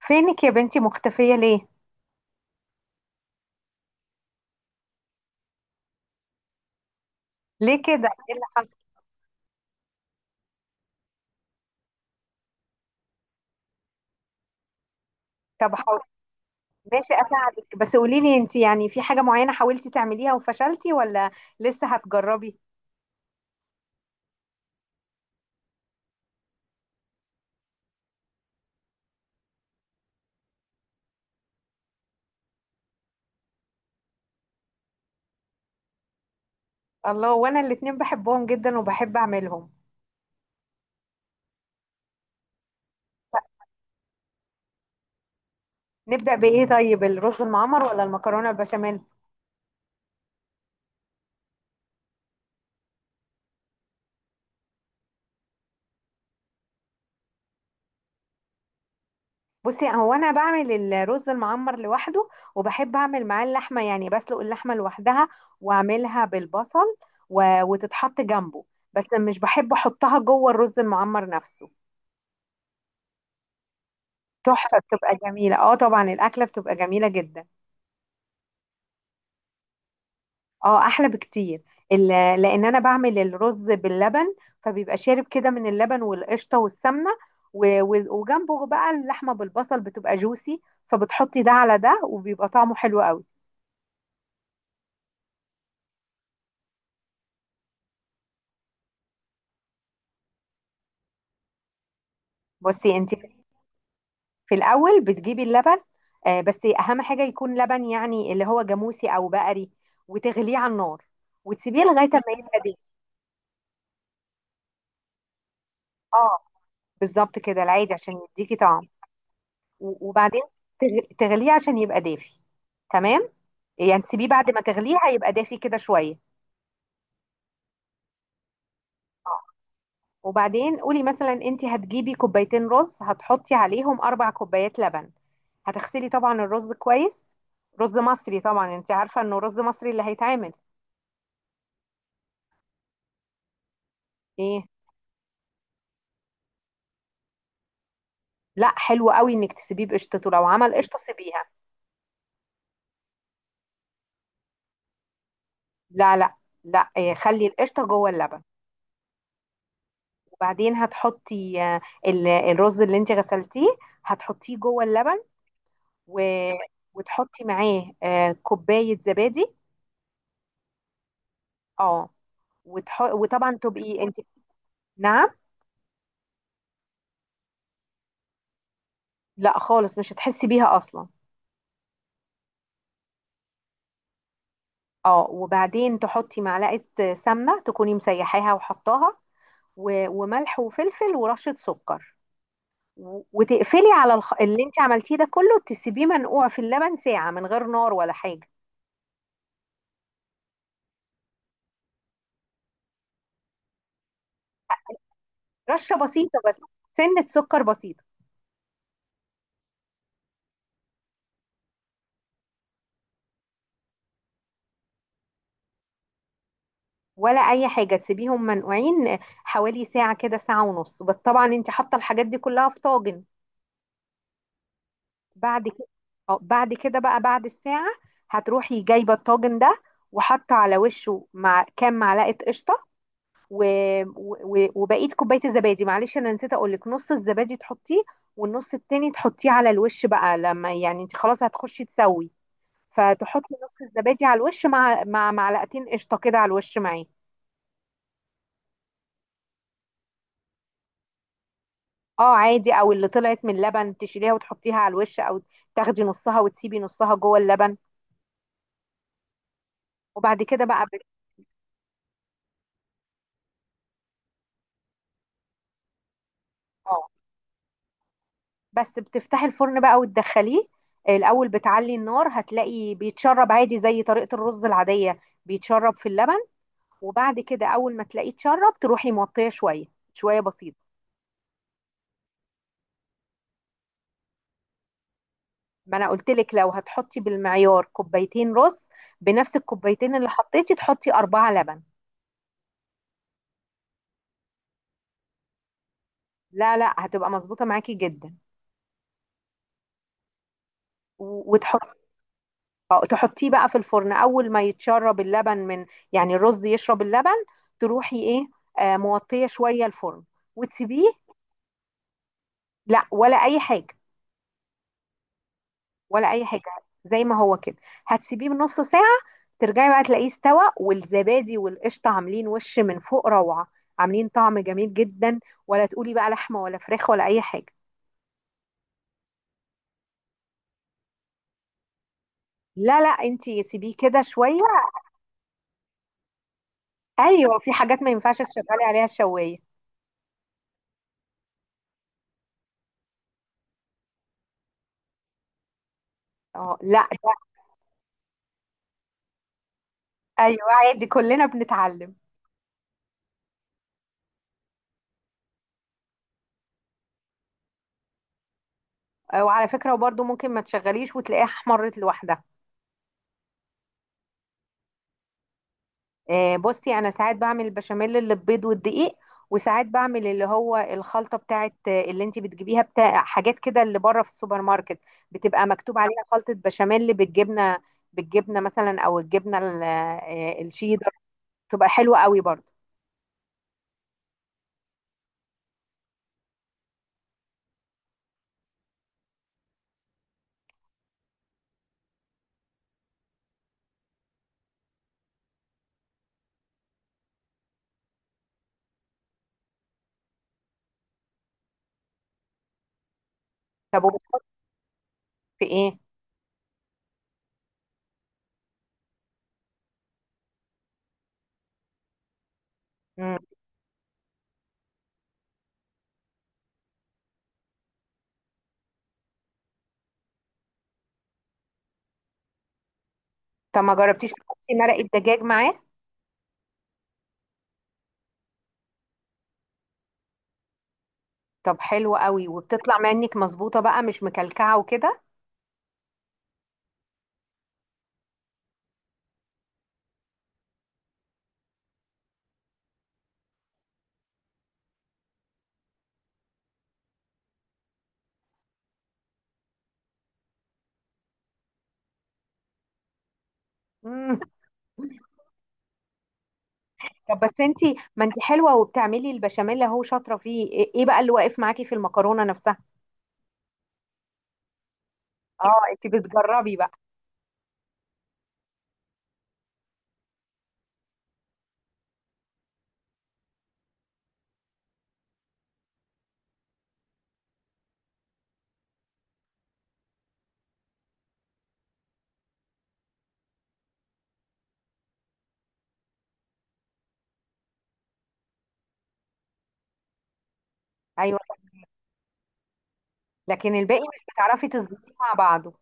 فينك يا بنتي مختفية ليه؟ ليه كده؟ ايه اللي حصل؟ طب حاول. ماشي اساعدك، بس قولي لي انت يعني في حاجة معينة حاولتي تعمليها وفشلتي، ولا لسه هتجربي؟ الله، وانا الاتنين بحبهم جدا وبحب اعملهم. نبدأ بإيه طيب، الرز المعمر ولا المكرونة البشاميل؟ بصي، هو انا بعمل الرز المعمر لوحده، وبحب اعمل معاه اللحمة، يعني بسلق اللحمة لوحدها واعملها بالبصل وتتحط جنبه، بس مش بحب احطها جوه الرز المعمر نفسه. تحفة، بتبقى جميلة، اه طبعا الأكلة بتبقى جميلة جدا. اه أحلى بكتير. ال- لأن أنا بعمل الرز باللبن، فبيبقى شارب كده من اللبن والقشطة والسمنة، وجنبه بقى اللحمة بالبصل بتبقى جوسي، فبتحطي ده على ده وبيبقى طعمه حلو قوي. بصي انت، في الأول بتجيبي اللبن. آه بس أهم حاجة يكون لبن، يعني اللي هو جاموسي أو بقري، وتغليه على النار وتسيبيه لغاية ما يبقى دافي. اه بالظبط كده العادي عشان يديكي طعم. وبعدين تغليه عشان يبقى دافي. تمام، يعني تسيبيه بعد ما تغليه هيبقى دافي كده شويه. وبعدين قولي مثلا انت هتجيبي كوبايتين رز، هتحطي عليهم اربع كوبايات لبن. هتغسلي طبعا الرز كويس، رز مصري طبعا، انت عارفه انه رز مصري اللي هيتعمل. ايه؟ لا حلو قوي انك تسيبيه بقشطته، لو عمل قشطه سيبيها. لا لا. لا إيه، خلي القشطه جوه اللبن. وبعدين هتحطي الرز اللي انت غسلتيه، هتحطيه جوه اللبن، و... وتحطي معاه كوباية زبادي. اه. وطبعا تبقي انت... نعم؟ لا خالص، مش هتحسي بيها اصلا. اه، وبعدين تحطي معلقة سمنة تكوني مسيحاها وحطاها، وملح وفلفل ورشة سكر، وتقفلي على اللي انت عملتيه ده كله، تسيبيه منقوع في اللبن ساعة من غير نار ولا حاجة. رشة بسيطة بس. سنة سكر بسيطة. ولا اي حاجه، تسيبيهم منقوعين حوالي ساعه كده، ساعه ونص، بس طبعا انت حاطه الحاجات دي كلها في طاجن. بعد كده. اه بعد كده بقى بعد الساعه هتروحي جايبه الطاجن ده، وحاطه على وشه مع كام معلقه قشطه، و... وبقيت كوبايه الزبادي. معلش، انا نسيت اقول لك، نص الزبادي تحطيه، والنص التاني تحطيه على الوش بقى، لما يعني انت خلاص هتخشي تسوي. فتحطي نص الزبادي على الوش مع معلقتين قشطه كده على الوش معاه. اه عادي، او اللي طلعت من اللبن تشيليها وتحطيها على الوش، او تاخدي نصها وتسيبي نصها جوه اللبن. وبعد كده بقى اه بس بتفتحي الفرن بقى وتدخليه. الاول بتعلي النار، هتلاقي بيتشرب عادي زي طريقة الرز العادية، بيتشرب في اللبن. وبعد كده اول ما تلاقيه اتشرب تروحي موطيه شوية، شوية بسيطة. ما انا قلت لك لو هتحطي بالمعيار كوبايتين رز، بنفس الكوبايتين اللي حطيتي تحطي أربعة لبن. لا لا هتبقى مظبوطة معاكي جدا. وتحطي اه تحطيه بقى في الفرن اول ما يتشرب اللبن، من يعني الرز يشرب اللبن. تروحي ايه، موطيه شويه الفرن وتسيبيه. لا، ولا اي حاجه. ولا اي حاجه، زي ما هو كده. هتسيبيه بنص ساعه، ترجعي بقى تلاقيه استوى، والزبادي والقشطه عاملين وش من فوق روعه، عاملين طعم جميل جدا. ولا تقولي بقى لحمه ولا فراخ ولا اي حاجه. لا لا، انتي سيبيه كده شويه. ايوه، في حاجات ما ينفعش تشغلي عليها الشوايه. اه. لا ايوه عادي، كلنا بنتعلم. وعلى فكرة وبرده ممكن ما تشغليش وتلاقيها احمرت لوحدها. بصي انا ساعات بعمل البشاميل اللي ببيض والدقيق، وساعات بعمل اللي هو الخلطة بتاعت اللي انت بتجيبيها بتاع حاجات كده اللي بره في السوبر ماركت، بتبقى مكتوب عليها خلطة بشاميل بالجبنة. بالجبنة مثلا، او الجبنة الشيدر، بتبقى حلوة قوي برضه. طب وبتحط في ايه؟ مم. طب ما جربتيش تحطي مرق الدجاج معاه؟ طب حلو قوي، وبتطلع منك مظبوطة بقى، مش مكلكعة وكده؟ مم. طب بس انتي ما انتي حلوه وبتعملي البشاميل اهو، شاطره فيه. ايه ايه بقى اللي واقف معاكي في المكرونه نفسها؟ اه، انتي بتجربي بقى. ايوه، لكن الباقي مش بتعرفي تظبطيه مع بعضه.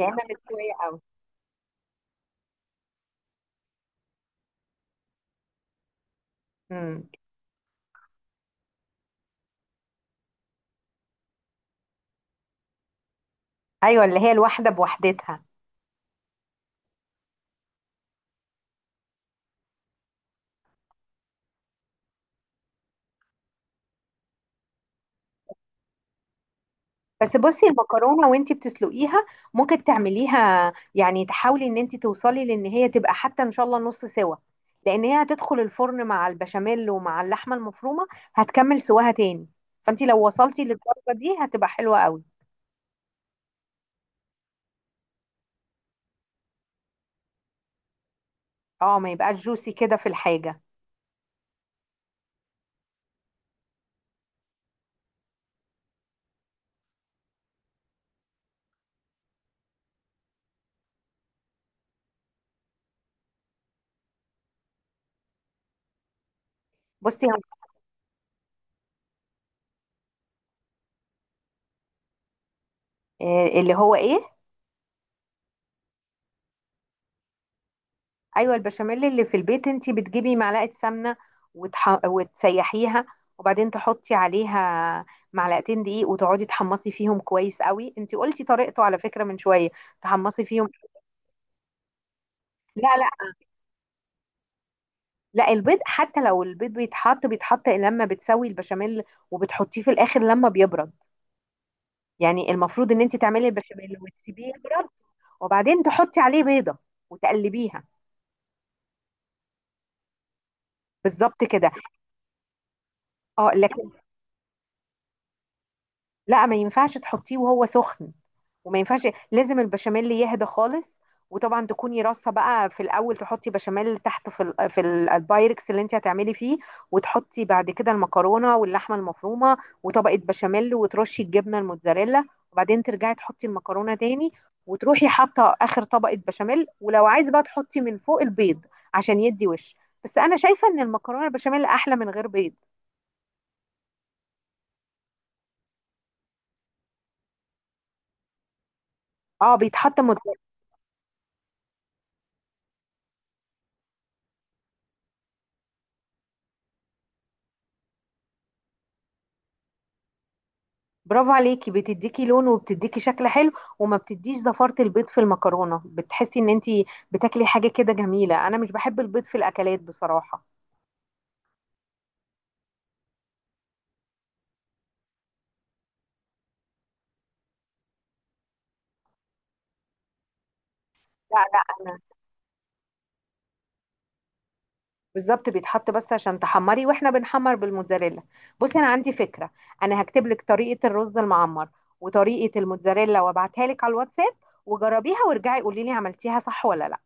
يا اما مستويه قوي. امم. ايوه، اللي هي الواحده بوحدتها. بس بصي المكرونه وانتي بتسلقيها، ممكن تعمليها يعني تحاولي ان انتي توصلي لان هي تبقى حتى ان شاء الله نص سوا، لان هي هتدخل الفرن مع البشاميل ومع اللحمه المفرومه، هتكمل سواها تاني. فانتي لو وصلتي للدرجه دي هتبقى حلوه قوي. اه، ما يبقاش جوسي كده في الحاجه. بصي اللي هو ايه. ايوه، البشاميل اللي في البيت انتي بتجيبي معلقه سمنه وتسيحيها، وبعدين تحطي عليها معلقتين دقيق، وتقعدي تحمصي فيهم كويس قوي. انتي قلتي طريقته على فكره من شويه. تحمصي فيهم. لا لا. لا، البيض حتى لو البيض بيتحط، بيتحط لما بتسوي البشاميل، وبتحطيه في الاخر لما بيبرد. يعني المفروض ان انتي تعملي البشاميل وتسيبيه يبرد، وبعدين تحطي عليه بيضه وتقلبيها. بالظبط كده. اه لكن... لا، ما ينفعش تحطيه وهو سخن، وما ينفعش، لازم البشاميل يهدى خالص. وطبعا تكوني رصه بقى، في الاول تحطي بشاميل تحت البايركس اللي انت هتعملي فيه، وتحطي بعد كده المكرونه واللحمه المفرومه، وطبقه بشاميل وترشي الجبنه الموتزاريلا. وبعدين ترجعي تحطي المكرونه تاني، وتروحي حاطه اخر طبقه بشاميل، ولو عايزه بقى تحطي من فوق البيض عشان يدي وش. بس انا شايفه ان المكرونه البشاميل احلى من غير بيض. اه، بيتحط. برافو عليكي، بتديكي لون وبتديكي شكل حلو، وما بتديش زفارة البيض في المكرونة. بتحسي ان انتي بتاكلي حاجة كده جميلة. انا مش بحب البيض في الاكلات بصراحة. لا لا. انا بالظبط بيتحط بس عشان تحمري، واحنا بنحمر بالموتزاريلا. بصي انا عندي فكرة، انا هكتب لك طريقة الرز المعمر وطريقة الموتزاريلا وابعتها لك على الواتساب، وجربيها وارجعي قولي لي عملتيها صح ولا لا.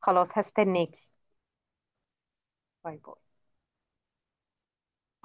خلاص هستناكي. باي باي.